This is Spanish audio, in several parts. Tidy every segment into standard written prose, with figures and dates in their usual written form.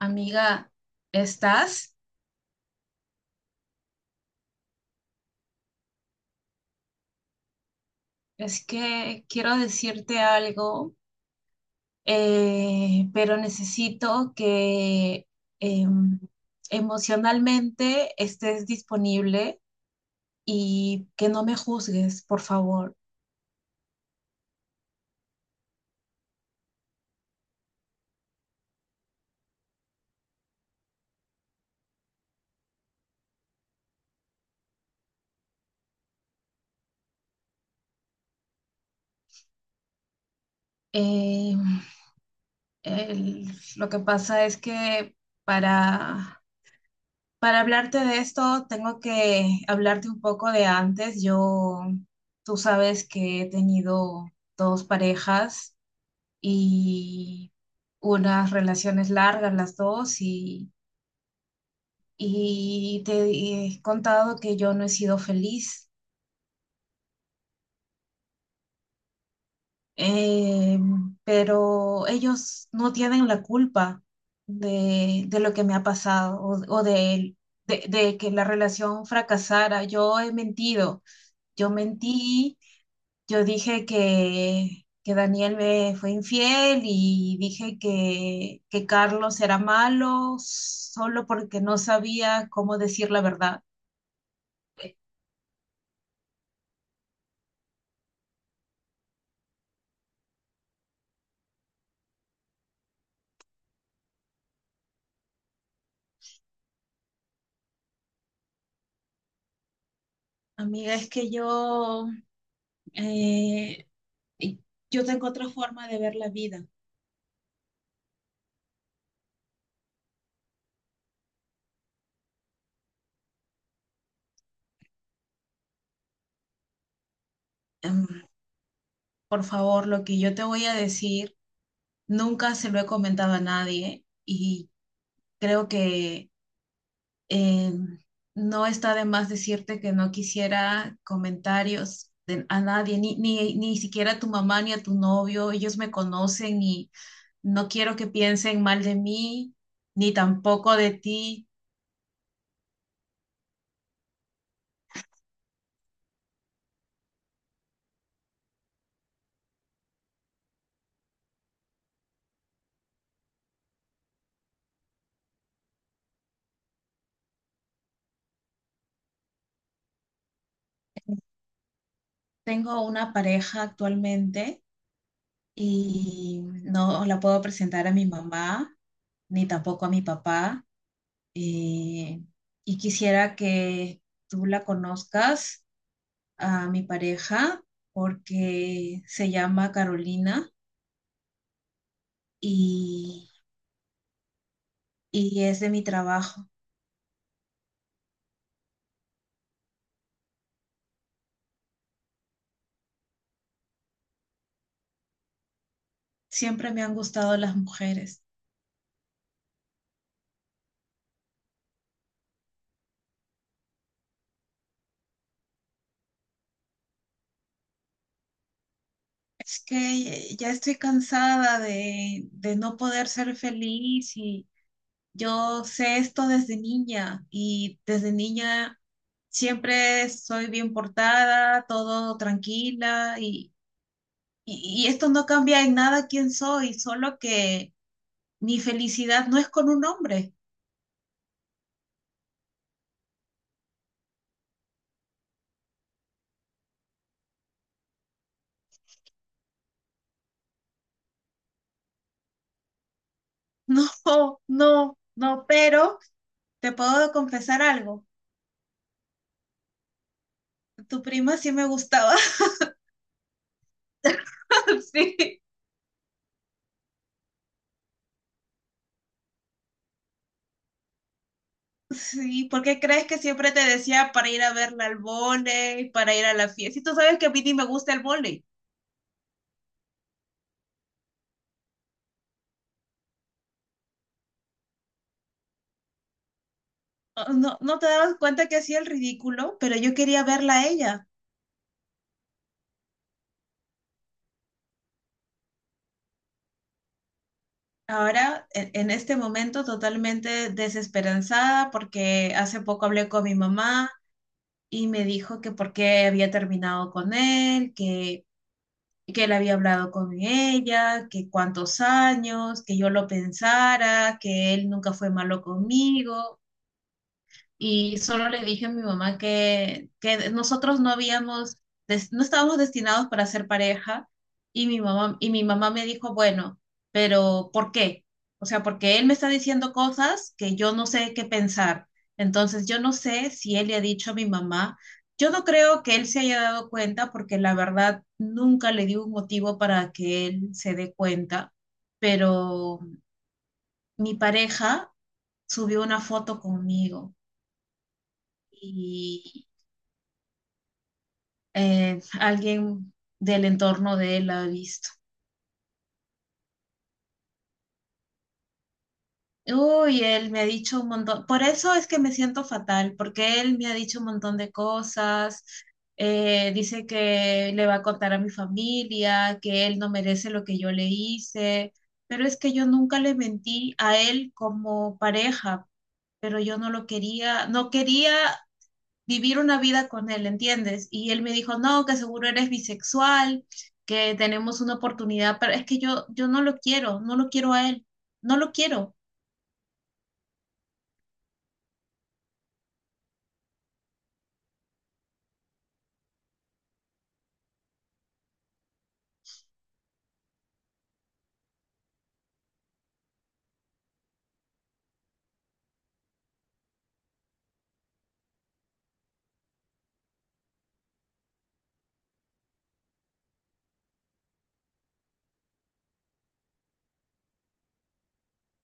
Amiga, ¿estás? Es que quiero decirte algo, pero necesito que em, emocionalmente estés disponible y que no me juzgues, por favor. Em, el- lo que pasa es que para, para hablarte de esto, tengo que hablarte un poco de antes. Yo, tú sabes que he tenido dos parejas y unas relaciones largas las dos y te he contado que yo no he sido feliz. Eh, pero ellos no tienen la culpa de lo que me ha pasado o de que la relación fracasara. Yo he mentido, yo mentí. Yo dije que Daniel me fue infiel y dije que Carlos era malo solo porque no sabía cómo decir la verdad. Amiga, es que yo, eh, yo tengo otra forma de ver la vida. Em, por favor, lo que yo te voy a decir nunca se lo he comentado a nadie, y creo que Eh, no está de más decirte que no quisiera comentarios a nadie, ni siquiera a tu mamá ni a tu novio. Ellos me conocen y no quiero que piensen mal de mí, ni tampoco de ti. Tengo una pareja actualmente y no la puedo presentar a mi mamá, ni tampoco a mi papá. eh, y quisiera que tú la conozcas, a mi pareja, porque se llama Carolina y, y es de mi trabajo. Siempre me han gustado las mujeres. Es que ya estoy cansada de no poder ser feliz, y yo sé esto desde niña, y desde niña siempre soy bien portada, todo tranquila, y, y esto no cambia en nada quién soy, solo que mi felicidad no es con un hombre. No, no, no, pero te puedo confesar algo. Tu prima sí me gustaba, sí. Sí, ¿por qué crees que siempre te decía para ir a verla al vóley, para ir a la fiesta? Y tú sabes que a mí ni me gusta el vóley. Oh, no, ¿no te dabas cuenta que hacía el ridículo? Pero yo quería verla a ella. Ahora, en este momento, totalmente desesperanzada, porque hace poco hablé con mi mamá y me dijo que por qué había terminado con él, que él había hablado con ella, que cuántos años, que yo lo pensara, que él nunca fue malo conmigo. Y solo le dije a mi mamá que nosotros no habíamos, no estábamos destinados para ser pareja, y mi mamá me dijo, bueno, pero ¿por qué? O sea, porque él me está diciendo cosas que yo no sé qué pensar. Entonces, yo no sé si él le ha dicho a mi mamá. Yo no creo que él se haya dado cuenta porque la verdad nunca le di un motivo para que él se dé cuenta, pero mi pareja subió una foto conmigo y, alguien del entorno de él ha visto. Uy, él me ha dicho un montón, por eso es que me siento fatal, porque él me ha dicho un montón de cosas. Dice que le va a contar a mi familia, que él no merece lo que yo le hice, pero es que yo nunca le mentí a él como pareja, pero yo no lo quería, no quería vivir una vida con él, ¿entiendes? Y él me dijo, no, que seguro eres bisexual, que tenemos una oportunidad, pero es que yo no lo quiero, no lo quiero a él, no lo quiero.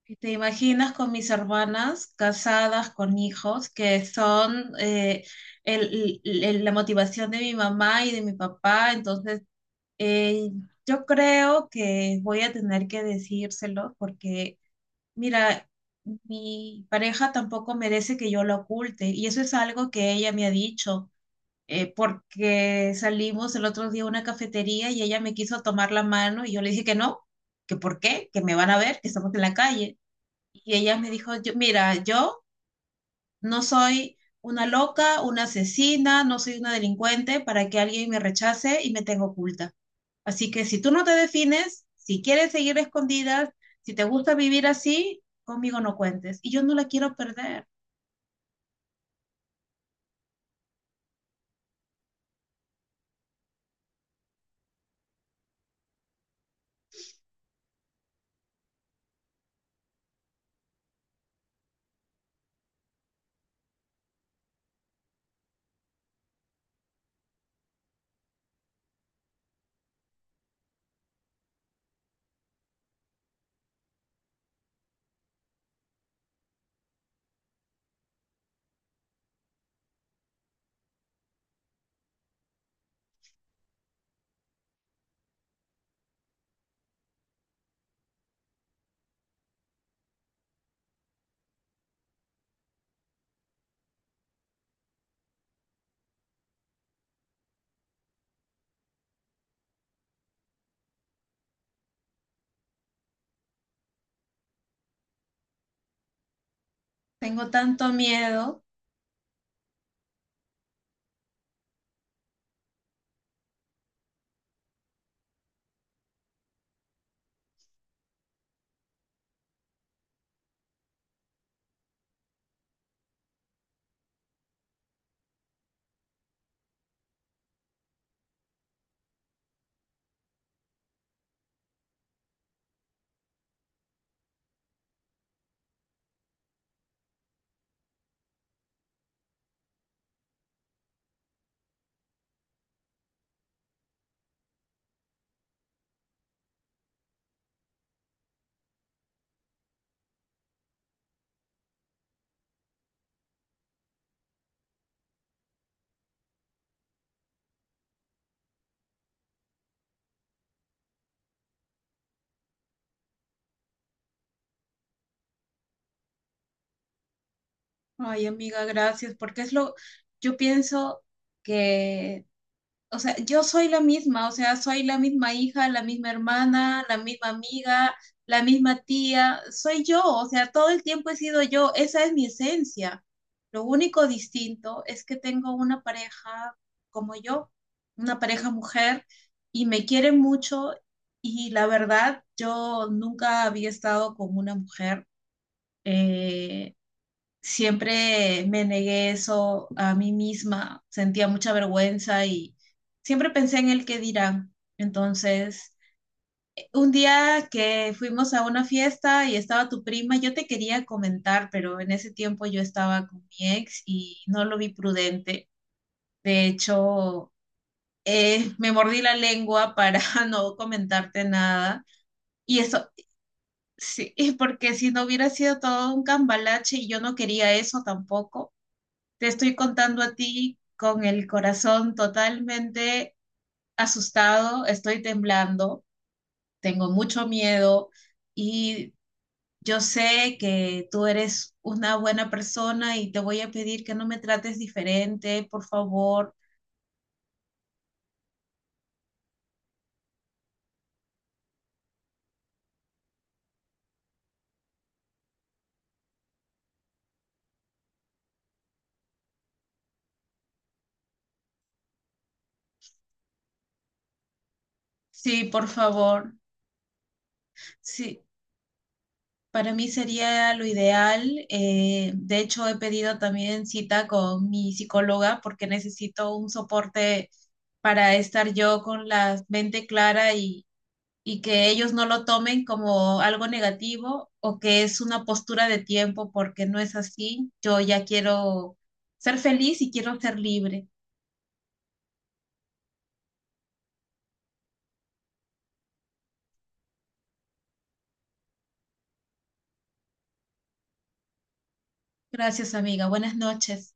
Y te imaginas con mis hermanas casadas con hijos, que son la motivación de mi mamá y de mi papá. Entonces eh, yo creo que voy a tener que decírselo porque. Mira, mi pareja tampoco merece que yo la oculte, y eso es algo que ella me ha dicho. Porque salimos el otro día a una cafetería y ella me quiso tomar la mano y yo le dije que no, que por qué, que me van a ver, que estamos en la calle. Y ella me dijo, yo, mira, yo no soy una loca, una asesina, no soy una delincuente para que alguien me rechace y me tenga oculta. Así que si tú no te defines, si quieres seguir escondidas, si te gusta vivir así, conmigo no cuentes. Y yo no la quiero perder. Tengo tanto miedo. Ay, amiga, gracias, porque es lo, yo pienso que, o sea, yo soy la misma, o sea, soy la misma hija, la misma hermana, la misma amiga, la misma tía, soy yo, o sea, todo el tiempo he sido yo, esa es mi esencia. Lo único distinto es que tengo una pareja como yo, una pareja mujer, y me quiere mucho, y la verdad, yo nunca había estado con una mujer. eh, Siempre me negué eso a mí misma, sentía mucha vergüenza y siempre pensé en el qué dirán. Entonces, un día que fuimos a una fiesta y estaba tu prima, yo te quería comentar, pero en ese tiempo yo estaba con mi ex y no lo vi prudente. De hecho, me mordí la lengua para no comentarte nada. Y eso, sí, porque si no hubiera sido todo un cambalache, y yo no quería eso tampoco. Te estoy contando a ti con el corazón totalmente asustado, estoy temblando, tengo mucho miedo, y yo sé que tú eres una buena persona y te voy a pedir que no me trates diferente, por favor. Sí, por favor. Sí, para mí sería lo ideal. De hecho, he pedido también cita con mi psicóloga porque necesito un soporte para estar yo con la mente clara, y que ellos no lo tomen como algo negativo o que es una postura de tiempo, porque no es así. Yo ya quiero ser feliz y quiero ser libre. Gracias, amiga. Buenas noches.